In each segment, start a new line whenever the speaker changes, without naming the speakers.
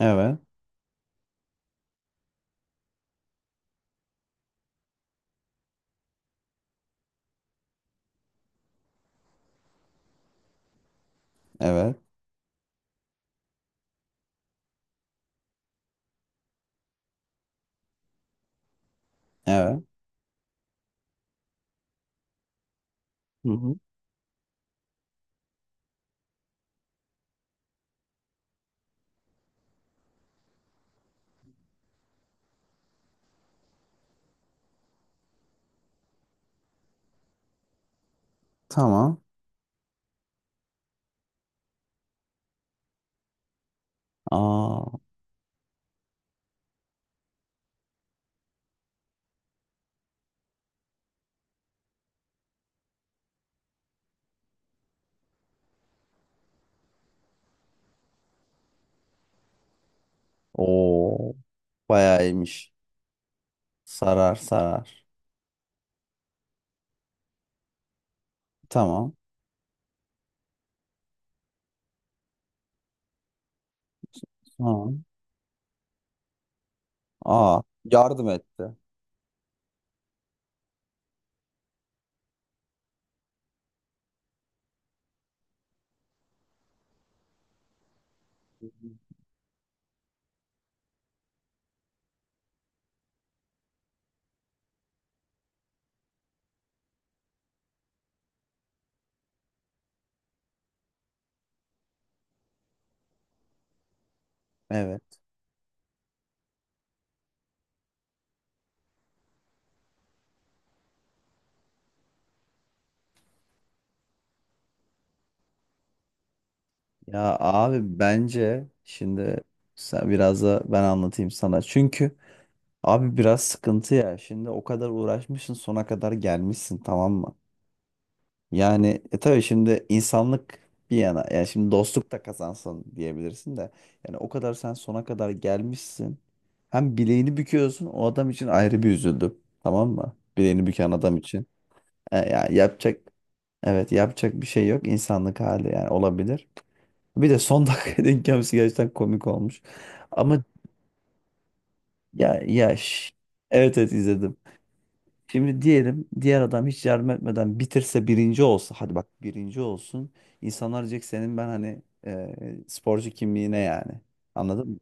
Evet. Evet. Evet. Hı hı. Tamam. Aa. Oo. Bayağı iyiymiş. Sarar sarar. Tamam. Tamam. Aa. Yardım etti. Hı hı. Evet. Ya abi, bence şimdi sen biraz da ben anlatayım sana. Çünkü abi biraz sıkıntı ya. Şimdi o kadar uğraşmışsın, sona kadar gelmişsin, tamam mı? Yani tabii şimdi insanlık bir yana, yani şimdi dostluk da kazansın diyebilirsin de yani o kadar sen sona kadar gelmişsin. Hem bileğini büküyorsun, o adam için ayrı bir üzüldüm. Tamam mı? Bileğini büken adam için. Ya yapacak, evet, yapacak bir şey yok, insanlık hali, yani olabilir. Bir de son dakika denk gelmesi gerçekten komik olmuş. Ama ya ya şş, evet, evet, izledim. Şimdi diyelim, diğer adam hiç yardım etmeden bitirse birinci olsa, hadi bak, birinci olsun, insanlar diyecek senin, ben hani sporcu kimliğine yani, anladın mı?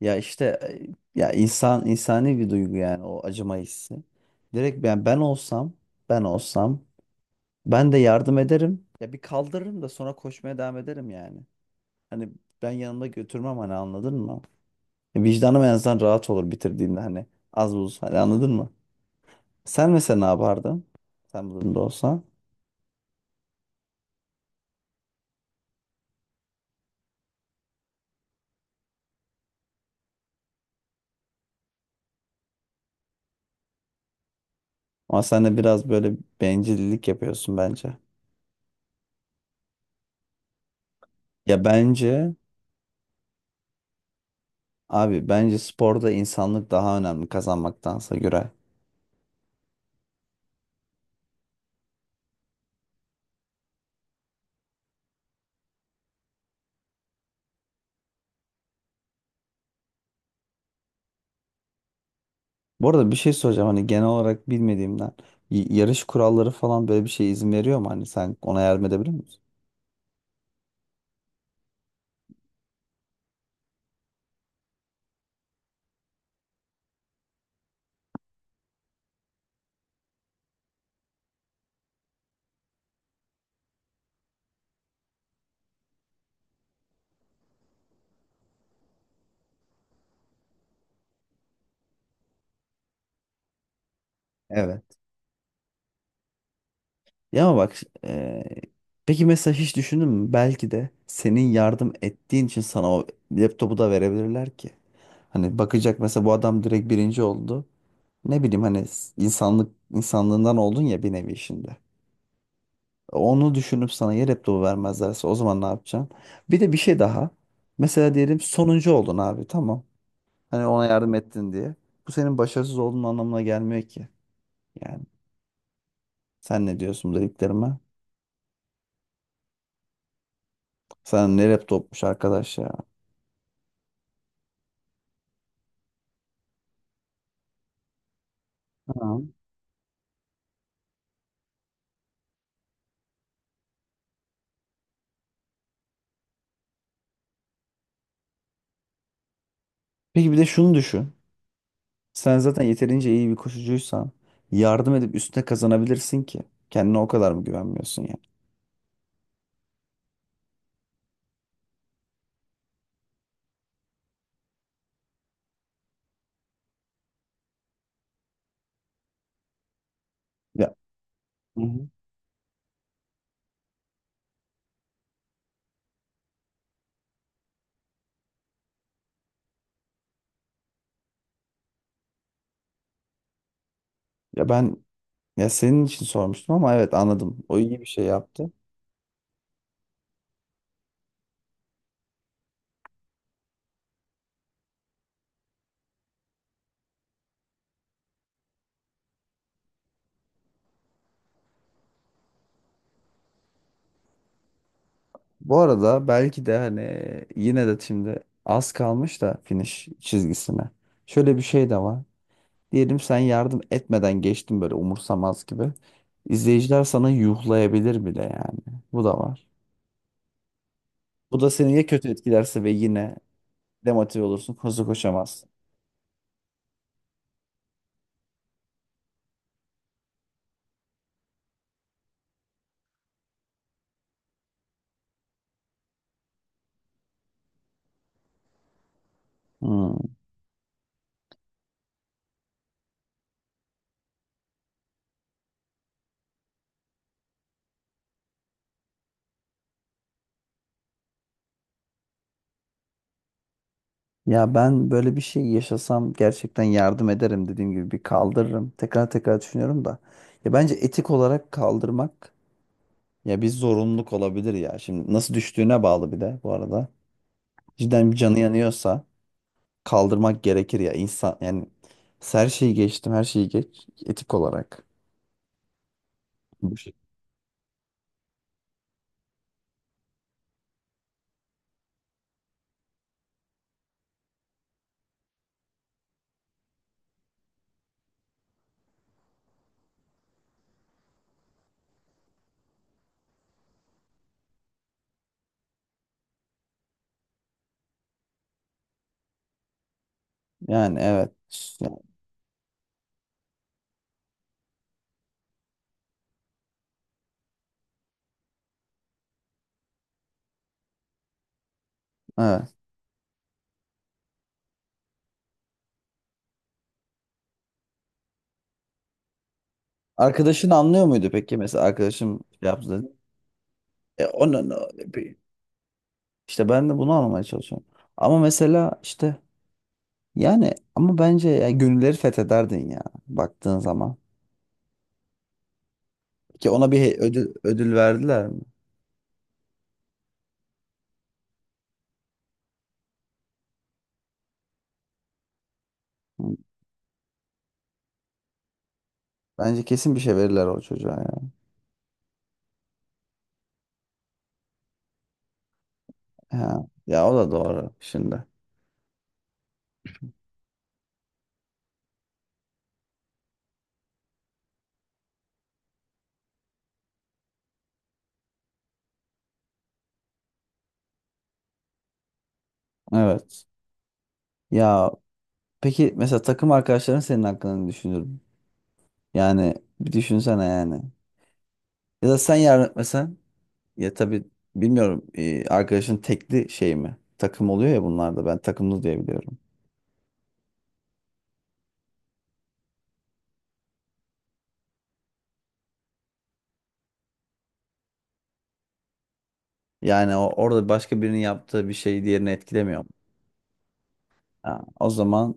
Ya işte ya insan insani bir duygu, yani o acıma hissi. Direkt ben olsam, ben olsam ben de yardım ederim ya, bir kaldırırım da sonra koşmaya devam ederim yani. Hani ben yanımda götürmem hani, anladın mı? Vicdanım en azından rahat olur bitirdiğimde hani, az buz hani, anladın mı? Sen mesela ne yapardın? Sen bu durumda olsan. Ama sen de biraz böyle bencillik yapıyorsun bence. Ya bence abi, bence sporda insanlık daha önemli kazanmaktansa göre. Bu arada bir şey soracağım, hani genel olarak bilmediğimden. Yarış kuralları falan böyle bir şey izin veriyor mu? Hani sen ona yardım edebilir misin? Evet. Ya ama bak, peki mesela hiç düşündün mü? Belki de senin yardım ettiğin için sana o laptopu da verebilirler ki. Hani bakacak, mesela bu adam direkt birinci oldu. Ne bileyim hani, insanlık, insanlığından oldun ya bir nevi şimdi. Onu düşünüp sana yer laptopu vermezlerse, o zaman ne yapacaksın? Bir de bir şey daha. Mesela diyelim sonuncu oldun abi, tamam. Hani ona yardım ettin diye. Bu senin başarısız olduğun anlamına gelmiyor ki. Yani sen ne diyorsun bu dediklerime? Sen ne rap topmuş arkadaş ya. Ha. Peki bir de şunu düşün. Sen zaten yeterince iyi bir koşucuysan, yardım edip üstüne kazanabilirsin ki. Kendine o kadar mı güvenmiyorsun yani? Ya, hı hı. ya ben Ya senin için sormuştum ama evet, anladım. O iyi bir şey yaptı. Bu arada belki de hani, yine de şimdi az kalmış da finish çizgisine. Şöyle bir şey de var. Diyelim sen yardım etmeden geçtin böyle umursamaz gibi. İzleyiciler sana yuhlayabilir bile yani. Bu da var. Bu da seni ya kötü etkilerse ve yine demotive olursun, hızlı koşamazsın. Hmm. Ya ben böyle bir şey yaşasam gerçekten yardım ederim, dediğim gibi bir kaldırırım. Tekrar tekrar düşünüyorum da. Ya bence etik olarak kaldırmak ya bir zorunluluk olabilir ya. Şimdi nasıl düştüğüne bağlı bir de bu arada. Cidden bir canı yanıyorsa kaldırmak gerekir ya insan, yani her şeyi geçtim, her şeyi geç, etik olarak. Bu şey. Yani evet. Yani, evet. Arkadaşın anlıyor muydu peki, mesela arkadaşım şey yaptı dedi. Ona işte ben de bunu anlamaya çalışıyorum. Ama mesela işte, yani ama bence ya, gönülleri fethederdin ya, baktığın zaman. Ki ona bir ödül verdiler mi? Hı. Bence kesin bir şey verirler o çocuğa ya. Ha, ya o da doğru şimdi. Evet. Ya peki, mesela takım arkadaşların senin hakkında ne düşünür? Yani bir düşünsene yani. Ya da sen yarın etmesen, ya tabii bilmiyorum, arkadaşın tekli şey mi? Takım oluyor ya bunlarda, ben takımlı diye biliyorum. Yani orada başka birinin yaptığı bir şey diğerini etkilemiyor mu? Ha, o zaman.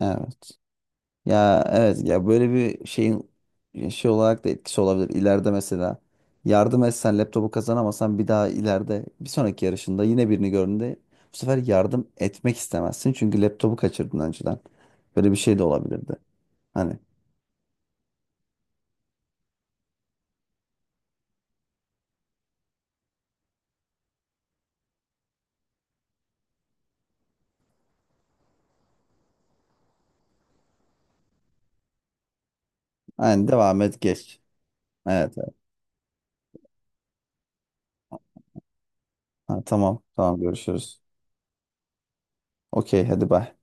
Evet. Ya evet, ya böyle bir şeyin şey olarak da etkisi olabilir. İleride mesela yardım etsen, laptopu kazanamasan, bir daha ileride bir sonraki yarışında yine birini gördüğünde bu sefer yardım etmek istemezsin. Çünkü laptopu kaçırdın önceden. Böyle bir şey de olabilirdi. Hani aynen, devam et, geç. Evet, evet. Ha, tamam, tamam, görüşürüz. Okey, hadi bay.